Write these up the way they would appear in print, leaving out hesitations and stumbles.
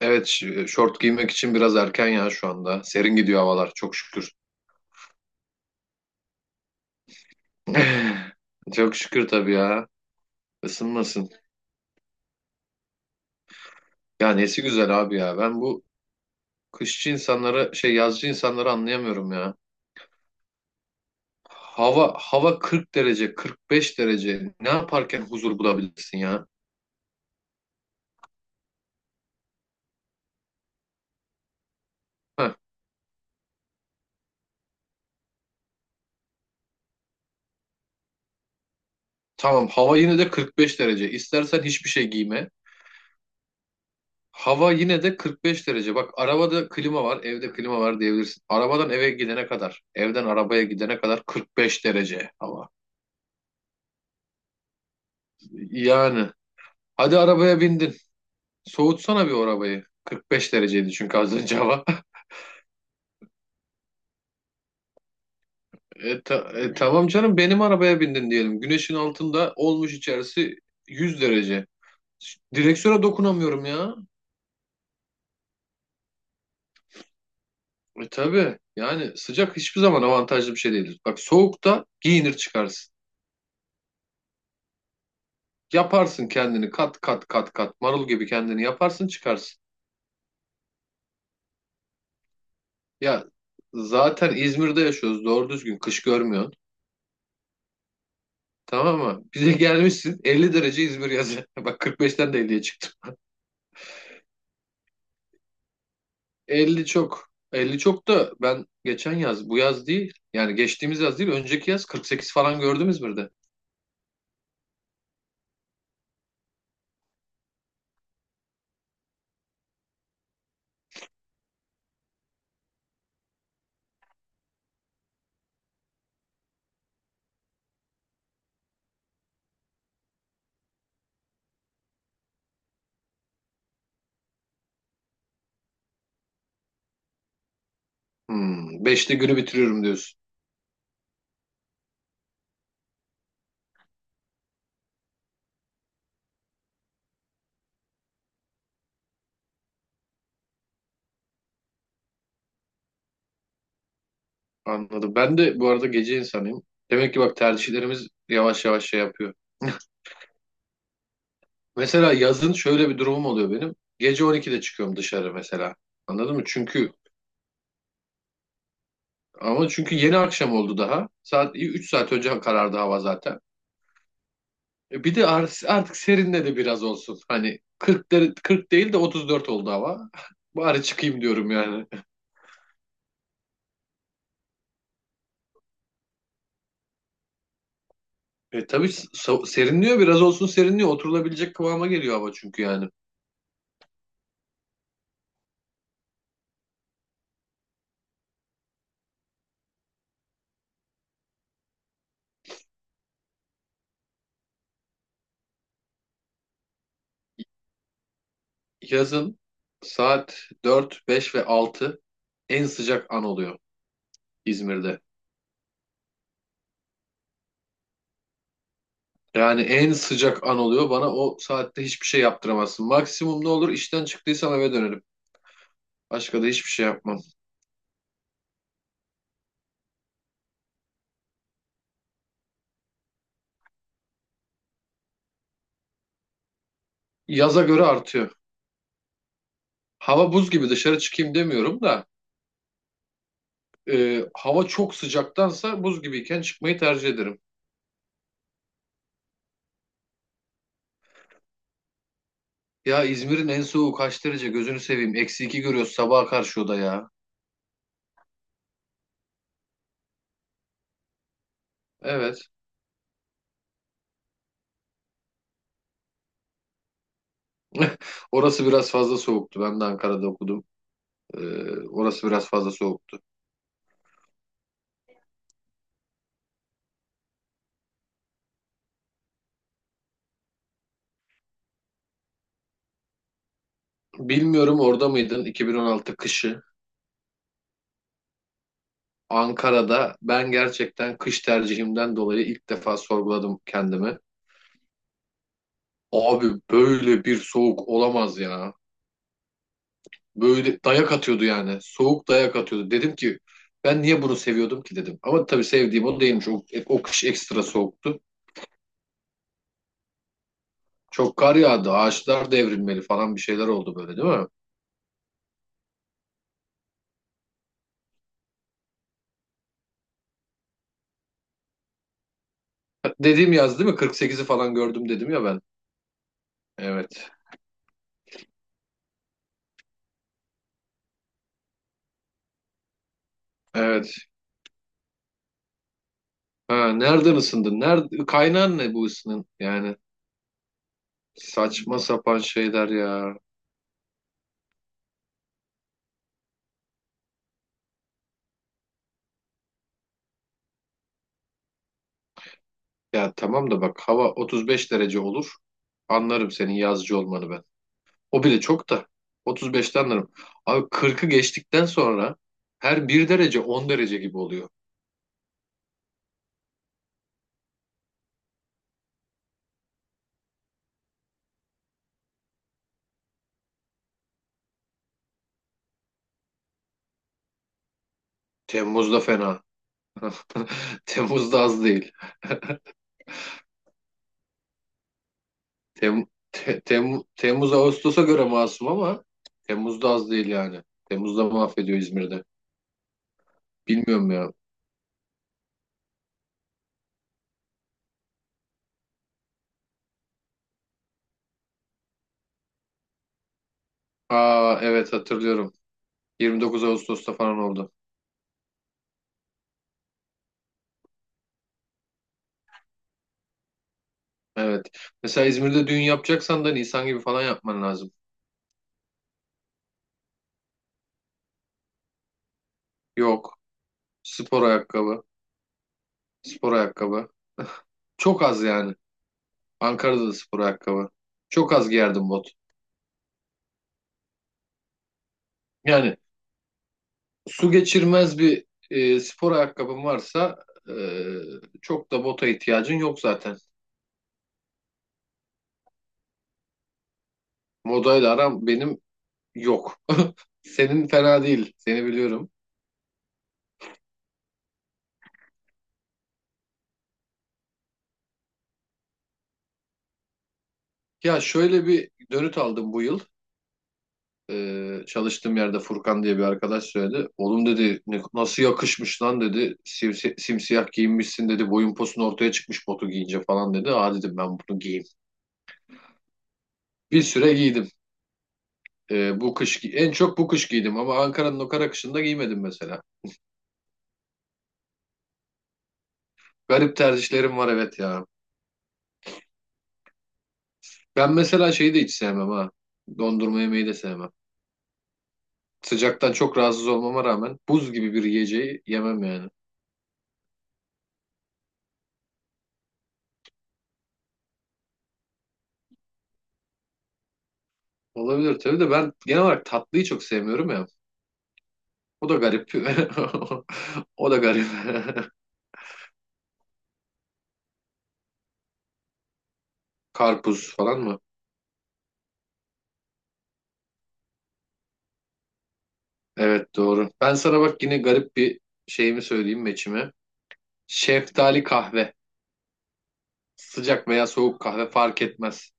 Evet, şort giymek için biraz erken ya şu anda. Serin gidiyor havalar çok şükür. Çok şükür tabii ya. Isınmasın. Ya nesi güzel abi ya. Ben bu kışçı insanları şey yazcı insanları anlayamıyorum ya. Hava 40 derece, 45 derece. Ne yaparken huzur bulabilirsin ya? Heh, tamam hava yine de 45 derece. İstersen hiçbir şey giyme. Hava yine de 45 derece. Bak arabada klima var, evde klima var diyebilirsin. Arabadan eve gidene kadar, evden arabaya gidene kadar 45 derece hava. Yani hadi arabaya bindin. Soğutsana bir o arabayı. 45 dereceydi çünkü az önce hava. Tamam canım benim arabaya bindin diyelim. Güneşin altında olmuş içerisi 100 derece. Direksiyona dokunamıyorum ya. Tabii yani sıcak hiçbir zaman avantajlı bir şey değildir. Bak soğukta giyinir çıkarsın. Yaparsın kendini kat kat kat kat marul gibi kendini yaparsın çıkarsın. Ya zaten İzmir'de yaşıyoruz doğru düzgün kış görmüyorsun. Tamam mı? Bize gelmişsin 50 derece İzmir yazı. Bak 45'ten de 50'ye çıktım. 50 çok. 50 çok da ben geçen yaz bu yaz değil yani geçtiğimiz yaz değil önceki yaz 48 falan gördüm İzmir'de. 5'te günü bitiriyorum diyorsun. Anladım. Ben de bu arada gece insanıyım. Demek ki bak tercihlerimiz yavaş yavaş şey yapıyor. Mesela yazın şöyle bir durumum oluyor benim. Gece 12'de çıkıyorum dışarı mesela. Anladın mı? Ama çünkü yeni akşam oldu daha. Saat 3 saat önce karardı hava zaten. Bir de artık serinledi biraz olsun. Hani 40 değil de 34 oldu hava. Bari çıkayım diyorum yani. Tabii serinliyor biraz olsun serinliyor. Oturulabilecek kıvama geliyor hava çünkü yani. Yazın saat 4, 5 ve 6 en sıcak an oluyor İzmir'de. Yani en sıcak an oluyor. Bana o saatte hiçbir şey yaptıramazsın. Maksimum ne olur işten çıktıysam eve dönerim. Başka da hiçbir şey yapmam. Yaza göre artıyor. Hava buz gibi dışarı çıkayım demiyorum da hava çok sıcaktansa buz gibiyken çıkmayı tercih ederim. Ya İzmir'in en soğuğu kaç derece gözünü seveyim. -2 görüyoruz sabaha karşı o da ya. Evet. Orası biraz fazla soğuktu. Ben de Ankara'da okudum. E, orası biraz fazla soğuktu. Bilmiyorum orada mıydın 2016 kışı? Ankara'da ben gerçekten kış tercihimden dolayı ilk defa sorguladım kendimi. Abi böyle bir soğuk olamaz ya. Böyle dayak atıyordu yani. Soğuk dayak atıyordu. Dedim ki ben niye bunu seviyordum ki dedim. Ama tabii sevdiğim o değilmiş. O kış ekstra soğuktu. Çok kar yağdı. Ağaçlar devrilmeli falan bir şeyler oldu böyle değil mi? Dediğim yaz değil mi? 48'i falan gördüm dedim ya ben. Evet. Evet. Ha, nereden ısındın? Nerede, kaynağın ne bu ısının? Yani saçma sapan şeyler ya. Ya tamam da bak hava 35 derece olur. Anlarım senin yazcı olmanı ben. O bile çok da. 35'te anlarım. Abi 40'ı geçtikten sonra her bir derece 10 derece gibi oluyor. Temmuz'da fena. Temmuz'da az değil. Tem, Temmuz Ağustos'a göre masum ama Temmuz'da az değil yani. Temmuz'da mahvediyor İzmir'de. Bilmiyorum ya. Aa evet hatırlıyorum. 29 Ağustos'ta falan oldu. Evet. Mesela İzmir'de düğün yapacaksan da Nisan gibi falan yapman lazım. Yok. Spor ayakkabı. Spor ayakkabı. Çok az yani. Ankara'da da spor ayakkabı. Çok az giyerdim bot. Yani su geçirmez bir spor ayakkabın varsa e, çok da bota ihtiyacın yok zaten. Modayla aram benim yok. Senin fena değil. Seni biliyorum. Ya şöyle bir dönüt aldım bu yıl. Çalıştığım yerde Furkan diye bir arkadaş söyledi. Oğlum dedi nasıl yakışmış lan dedi. Simsiyah giyinmişsin dedi. Boyun posun ortaya çıkmış botu giyince falan dedi. Aa dedim ben bunu giyeyim. Bir süre giydim. Bu kış en çok bu kış giydim ama Ankara'nın o kara kışında giymedim mesela. Garip tercihlerim var evet ya. Ben mesela şeyi de hiç sevmem ha. Dondurma yemeyi de sevmem. Sıcaktan çok rahatsız olmama rağmen buz gibi bir yiyeceği yemem yani. Olabilir tabii de ben genel olarak tatlıyı çok sevmiyorum ya. O da garip. O da garip. Karpuz falan mı? Evet doğru. Ben sana bak yine garip bir şeyimi söyleyeyim meçimi. Şeftali kahve. Sıcak veya soğuk kahve fark etmez.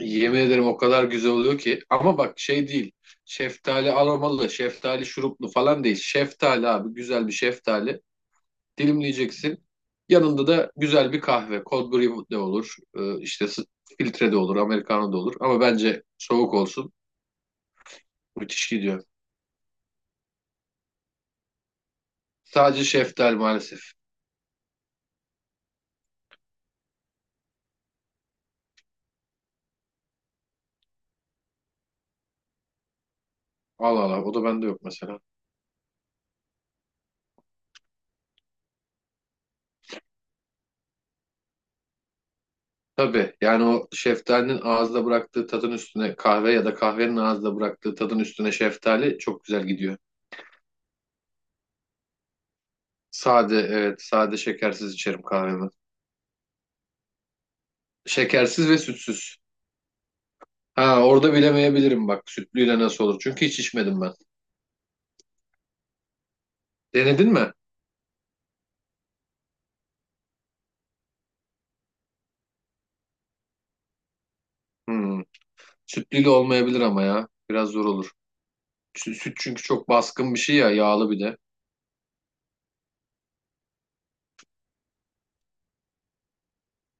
Yemin ederim o kadar güzel oluyor ki. Ama bak şey değil. Şeftali aromalı, şeftali şuruplu falan değil. Şeftali abi güzel bir şeftali. Dilimleyeceksin. Yanında da güzel bir kahve. Cold brew de olur. İşte filtre de olur, americano da olur. Ama bence soğuk olsun. Müthiş gidiyor. Sadece şeftal maalesef. Al al al. O da bende yok mesela. Tabii yani o şeftalinin ağızda bıraktığı tadın üstüne kahve ya da kahvenin ağızda bıraktığı tadın üstüne şeftali çok güzel gidiyor. Sade, evet, sade şekersiz içerim kahvemi. Şekersiz ve sütsüz. Ha orada bilemeyebilirim bak sütlüyle nasıl olur. Çünkü hiç içmedim ben. Denedin mi? Hmm. Sütlüyle olmayabilir ama ya. Biraz zor olur. Süt çünkü çok baskın bir şey ya yağlı bir de.